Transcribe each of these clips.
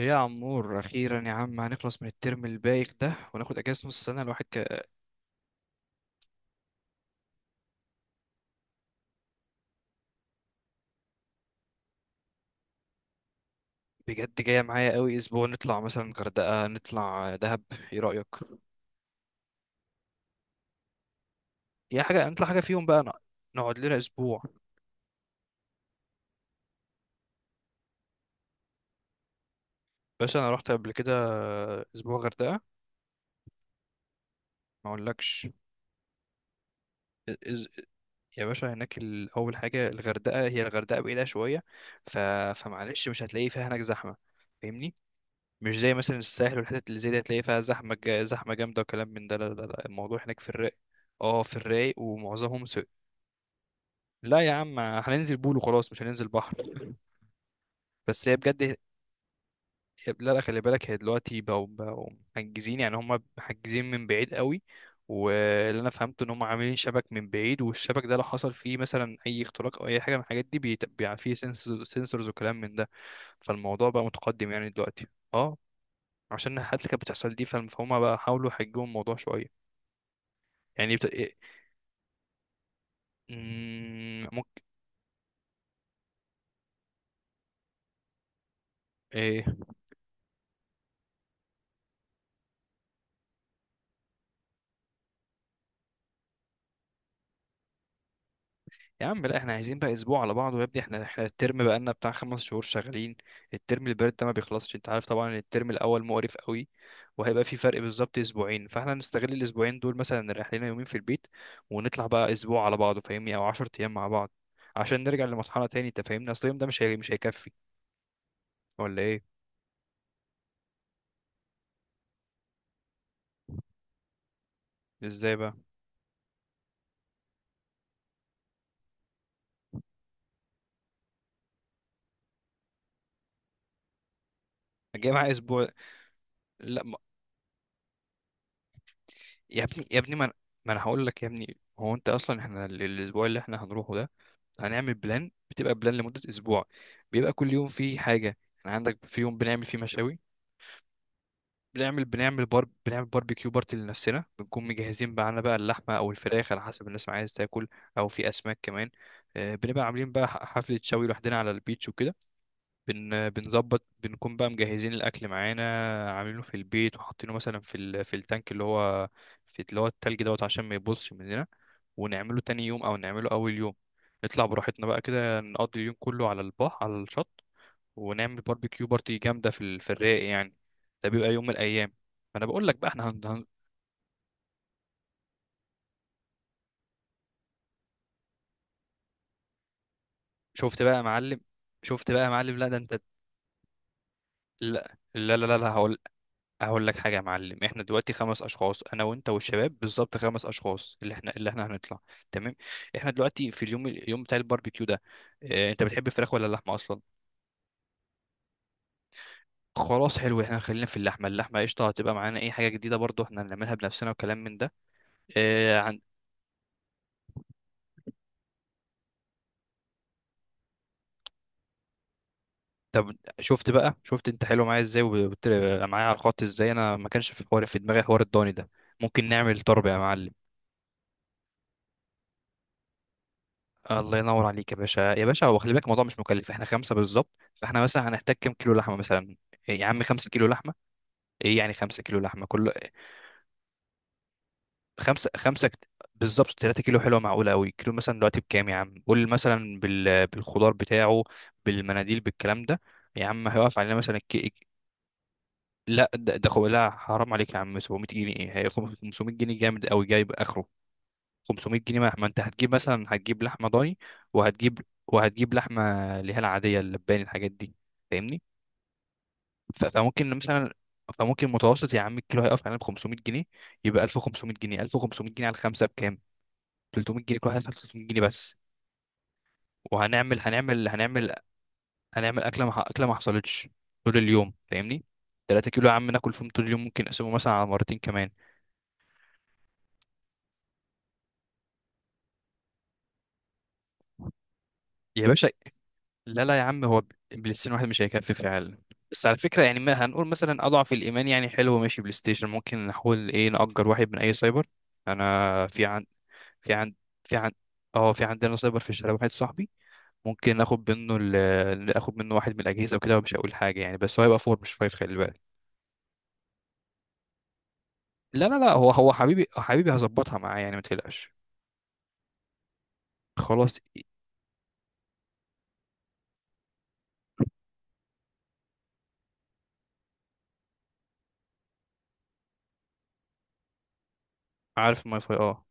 ايه يا عمور، اخيرا يا عم هنخلص من الترم البايخ ده وناخد اجازه نص سنه. الواحد بجد جايه معايا قوي؟ اسبوع نطلع مثلا غردقه، نطلع دهب، ايه رايك؟ يا حاجه نطلع حاجه فيهم بقى. نقعد لنا اسبوع. باشا انا رحت قبل كده اسبوع غردقه. ما اقولكش. إز- إز- يا باشا هناك اول حاجه، الغردقه، هي الغردقه بعيده شويه. ف... فمعلش، مش هتلاقي فيها هناك زحمه، فاهمني؟ مش زي مثلا الساحل والحتت اللي زي دي هتلاقي فيها زحمة جامدة وكلام من ده. لا لا لا، الموضوع هناك في الرايق. اه في الرايق ومعظمهم سوق. لا يا عم هننزل بول وخلاص، مش هننزل بحر. بس هي بجد. لا لا، خلي بالك هي دلوقتي بقوا محجزين، يعني هم محجزين من بعيد قوي. واللي انا فهمته ان هم عاملين شبك من بعيد، والشبك ده لو حصل فيه مثلا اي اختراق او اي حاجه من الحاجات دي بيبقى فيه سنسورز وكلام من ده. فالموضوع بقى متقدم يعني دلوقتي. اه. عشان الحاجات اللي كانت بتحصل دي فهم بقى حاولوا يحجموا الموضوع شويه. يعني بت... إيه... مم، ممكن. إيه... يا عم لا، احنا عايزين بقى اسبوع على بعضه يا ابني. احنا الترم بقى لنا بتاع 5 شهور شغالين. الترم البارد ده ما بيخلصش، انت عارف طبعا الترم الاول مقرف قوي. وهيبقى في فرق بالظبط اسبوعين، فاحنا نستغل الاسبوعين دول مثلا، نريح لنا يومين في البيت ونطلع بقى اسبوع على بعضه فاهمني، او 10 ايام مع بعض. عشان نرجع لمرحله تاني، انت فاهمني؟ اصل اليوم ده مش هيكفي، ولا ايه؟ ازاي بقى؟ جاي معايا اسبوع. لا يا ابني يا ابني، ما أنا هقول لك يا ابني، هو انت اصلا، احنا الاسبوع اللي احنا هنروحه ده هنعمل بلان، بتبقى بلان لمدة اسبوع. بيبقى كل يوم فيه حاجة. احنا عندك في يوم بنعمل فيه مشاوي. بنعمل باربيكيو بارتي لنفسنا، بنكون مجهزين معانا بقى اللحمة او الفراخ على حسب الناس ما عايز تاكل، او في اسماك كمان. بنبقى عاملين بقى حفلة شوي لوحدنا على البيتش وكده. بن آه، بنظبط، بنكون بقى مجهزين الاكل معانا، عاملينه في البيت وحاطينه مثلا في في التانك اللي هو، في اللي هو التلج دوت، عشان ما يبصش مننا. ونعمله تاني يوم او نعمله اول يوم. نطلع براحتنا بقى كده، نقضي اليوم كله على البحر على الشط، ونعمل باربيكيو بارتي جامده في في الرايق يعني. ده بيبقى يوم من الايام. فانا بقول لك بقى احنا شفت بقى يا معلم شفت بقى يا معلم، لا ده انت. لا لا لا لا, لا هقول لك حاجه يا معلم، احنا دلوقتي 5 اشخاص، انا وانت والشباب بالظبط 5 اشخاص اللي احنا هنطلع. تمام. احنا دلوقتي في اليوم بتاع الباربيكيو ده، اه انت بتحب الفراخ ولا اللحمه اصلا؟ خلاص حلو، احنا خلينا في اللحمه قشطه. هتبقى معانا اي حاجه جديده برضو احنا هنعملها بنفسنا وكلام من ده. إيه عن... طب شفت بقى؟ شفت انت حلو معايا ازاي وقلت معايا على الخط ازاي؟ انا ما كانش في حوار في دماغي حوار الضاني ده. ممكن نعمل طرب يا معلم. الله ينور عليك يا باشا يا باشا. هو خلي بالك الموضوع مش مكلف، احنا خمسه بالظبط، فاحنا مثلا هنحتاج كام كيلو لحمه مثلا؟ إيه يا عم 5 كيلو لحمه؟ ايه يعني 5 كيلو لحمه كله؟ خمسة خمسة كت- بالظبط 3 كيلو، حلوة معقولة قوي. كيلو مثلا دلوقتي بكام يا عم قول، مثلا بالخضار بتاعه، بالمناديل، بالكلام ده. يا عم هيقف علينا مثلا لا لا، حرام عليك يا عم 700 جنيه ايه، هي 500 جنيه جامد قوي جايب اخره. 500 جنيه، ما انت هتجيب مثلا هتجيب لحمة ضاني، وهتجيب وهتجيب لحمة اللي هي العادية اللباني الحاجات دي، فاهمني؟ ف... فممكن مثلا فممكن متوسط يا عم الكيلو هيقف علينا ب 500 جنيه، يبقى 1500 جنيه. 1500 جنيه على الخمسة بكام؟ 300 جنيه. كل واحد يدفع 300 جنيه بس. وهنعمل هنعمل هنعمل هنعمل اكله ما اكله ما حصلتش طول اليوم، فاهمني؟ 3 كيلو يا عم ناكل فيهم طول اليوم، ممكن نقسمه مثلا على مرتين كمان. يا باشا لا لا يا عم، هو بلاي ستيشن واحد مش هيكفي فعلا. بس على فكره يعني، ما هنقول مثلا اضعف الايمان يعني، حلو ماشي، بلاي ستيشن ممكن نحاول ايه نأجر واحد من اي سايبر. انا في عن في عن في عن اه في عندنا سايبر في الشارع، واحد صاحبي، ممكن ناخد منه واحد من الاجهزه وكده. ومش هقول حاجه يعني بس هو هيبقى فور مش فايف، خلي بالك. لا لا لا، هو هو حبيبي حبيبي هظبطها معاه يعني، ما تقلقش. خلاص. عارف الماي فاي؟ اه.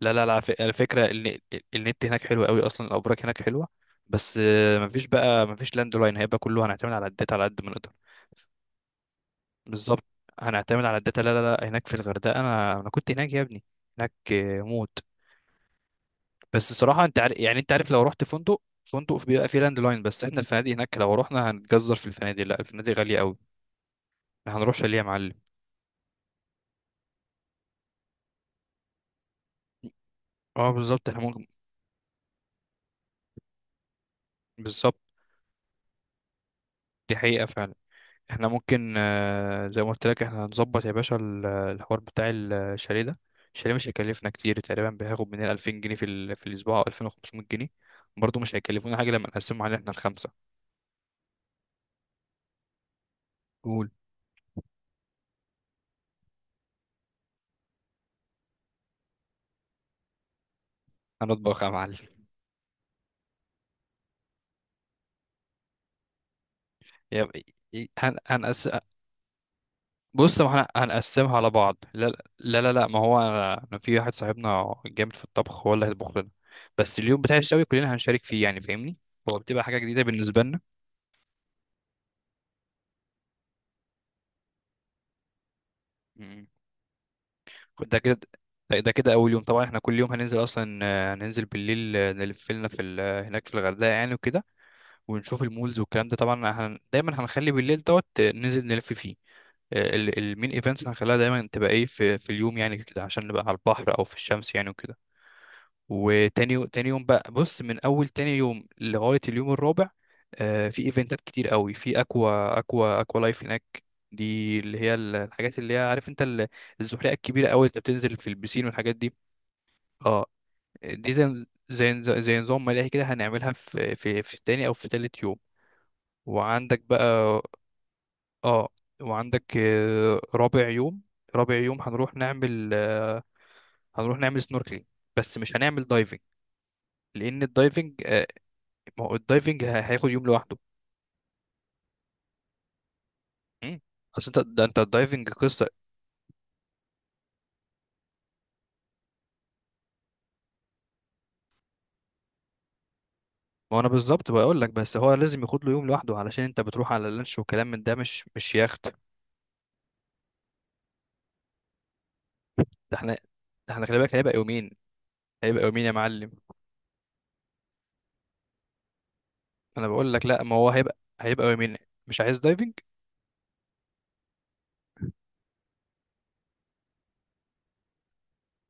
لا لا لا، على على فكره، النت هناك حلو قوي اصلا، الابراج هناك حلوه. بس مفيش لاند لاين، هيبقى كله هنعتمد على الداتا على قد ما نقدر. بالظبط. هنعتمد على الداتا. لا لا لا هناك في الغردقه، انا كنت هناك يا ابني. هناك موت. بس الصراحه انت عارف يعني، انت عارف لو رحت فندق، فندق بيبقى فيه لاند لاين. بس احنا الفنادق هناك لو رحنا هنتجزر في الفنادق. لا، الفنادق غاليه قوي. احنا هنروح شاليه يا معلم. اه بالظبط، احنا ممكن. بالظبط، دي حقيقة فعلا. احنا ممكن زي ما قلت لك احنا هنظبط يا باشا الحوار بتاع الشاليه ده. الشاليه مش هيكلفنا كتير، تقريبا بياخد مننا 2000 جنيه في, في الأسبوع، أو 2500 جنيه. برضه مش هيكلفونا حاجة لما نقسمهم علينا احنا الخمسة. قول. هنطبخ يا معلم. يا هن... هنقس... بص، ما احنا هنقسمها على بعض. لا لا لا, لا ما هو أنا في واحد صاحبنا جامد في الطبخ هو اللي هيطبخ لنا. بس اليوم بتاع الشوي كلنا هنشارك فيه، يعني فاهمني، هو بتبقى حاجة جديدة بالنسبة لنا. ده كده ده كده اول يوم. طبعا احنا كل يوم هننزل اصلا، هننزل بالليل، نلف لنا في هناك في الغردقه يعني وكده. ونشوف المولز والكلام ده. طبعا هن دايما هنخلي بالليل دوت، ننزل نلف فيه. المين ايفنتس هنخليها دايما تبقى ايه في اليوم يعني كده، عشان نبقى على البحر او في الشمس يعني وكده. تاني يوم بقى، بص، من اول تاني يوم لغايه اليوم الرابع، في ايفنتات كتير قوي في اكوا لايف هناك. دي اللي هي الحاجات اللي هي عارف انت الزحليقه الكبيره قوي اللي بتنزل في البسين والحاجات دي. اه. دي زي نظام ملاهي كده، هنعملها في تاني او في تالت يوم. وعندك بقى، اه. وعندك رابع يوم هنروح نعمل سنوركلينج. بس مش هنعمل دايفنج، لان الدايفنج، ما هو الدايفنج هياخد يوم لوحده. مم. اصل انت ده، انت الدايفنج قصه. ما انا بالظبط بقول لك، بس هو لازم ياخد له يوم لوحده، علشان انت بتروح على لانش وكلام من ده، مش يخت. ده احنا ده احنا خلي بالك هيبقى يومين، هيبقى يومين يا معلم. انا بقول لك، لا ما هو هيبقى يومين. مش عايز دايفنج.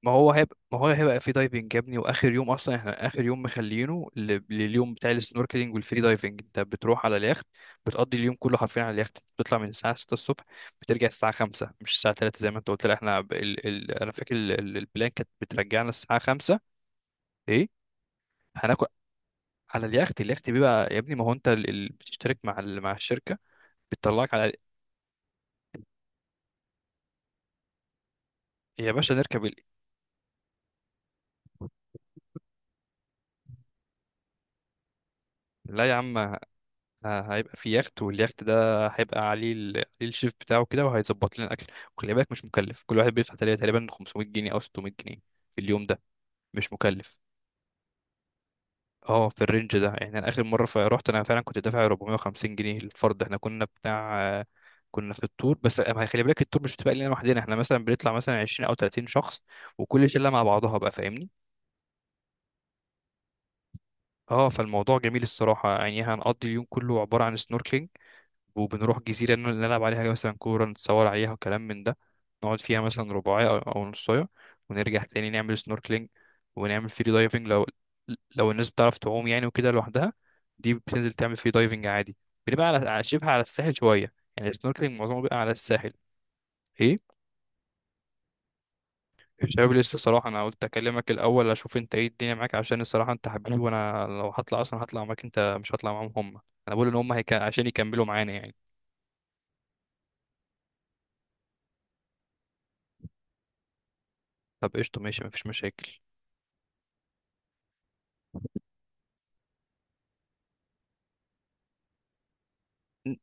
ما هو هيبقى في دايفنج يا ابني، واخر يوم اصلا، احنا اخر يوم مخلينه لليوم بتاع السنوركلينج والفري دايفنج. انت بتروح على اليخت بتقضي اليوم كله حرفيا على اليخت. بتطلع من الساعه 6 الصبح، بترجع الساعه 5، مش الساعه 3 زي ما انت قلت. لا احنا انا فاكر البلان كانت بترجعنا الساعه 5. ايه، هناكل على اليخت بيبقى يا ابني، ما هو انت بتشترك مع مع الشركه بتطلعك على. يا باشا نركب لا يا عم هيبقى في يخت، واليخت ده هيبقى عليه عليه الشيف بتاعه كده وهيظبط لنا الاكل. وخلي بالك مش مكلف، كل واحد بيدفع تقريبا 500 جنيه او 600 جنيه في اليوم ده، مش مكلف. اه في الرينج ده يعني. انا اخر مره رحت انا فعلا كنت دافع 450 جنيه للفرد. احنا كنا بتاع كنا في التور. بس أما خلي بالك التور مش بتبقى لنا لوحدنا، احنا مثلا بنطلع مثلا 20 او 30 شخص، وكل شله مع بعضها بقى، فاهمني؟ اه، فالموضوع جميل الصراحه يعني. هنقضي اليوم كله عباره عن سنوركلينج، وبنروح جزيرة إنه نلعب عليها مثلا كورة، نتصور عليها وكلام من ده. نقعد فيها مثلا رباعية أو نصاية، ونرجع تاني نعمل سنوركلينج. ونعمل فري دايفنج لو الناس بتعرف تعوم يعني وكده لوحدها، دي بتنزل تعمل فري دايفنج عادي. بنبقى على شبه على الساحل شوية يعني، السنوركلينج معظمه بيبقى على الساحل. ايه؟ الشباب لسه، صراحة أنا قلت أكلمك الأول أشوف أنت إيه الدنيا معاك، عشان الصراحة أنت حبيبي وأنا لو هطلع أصلا هطلع معاك أنت، مش هطلع معاهم هم. أنا بقول إن عشان يكملوا معانا يعني. طب قشطة ماشي، مفيش مشاكل.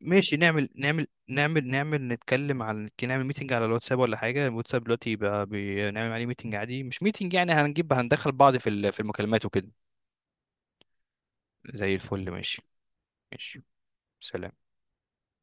ماشي، نعمل نتكلم، على نعمل ميتنج على الواتساب ولا حاجة. الواتساب دلوقتي بقى بنعمل عليه ميتنج عادي، مش ميتنج يعني، هنجيب هندخل بعض في في المكالمات وكده. زي الفل، ماشي. ماشي. سلام.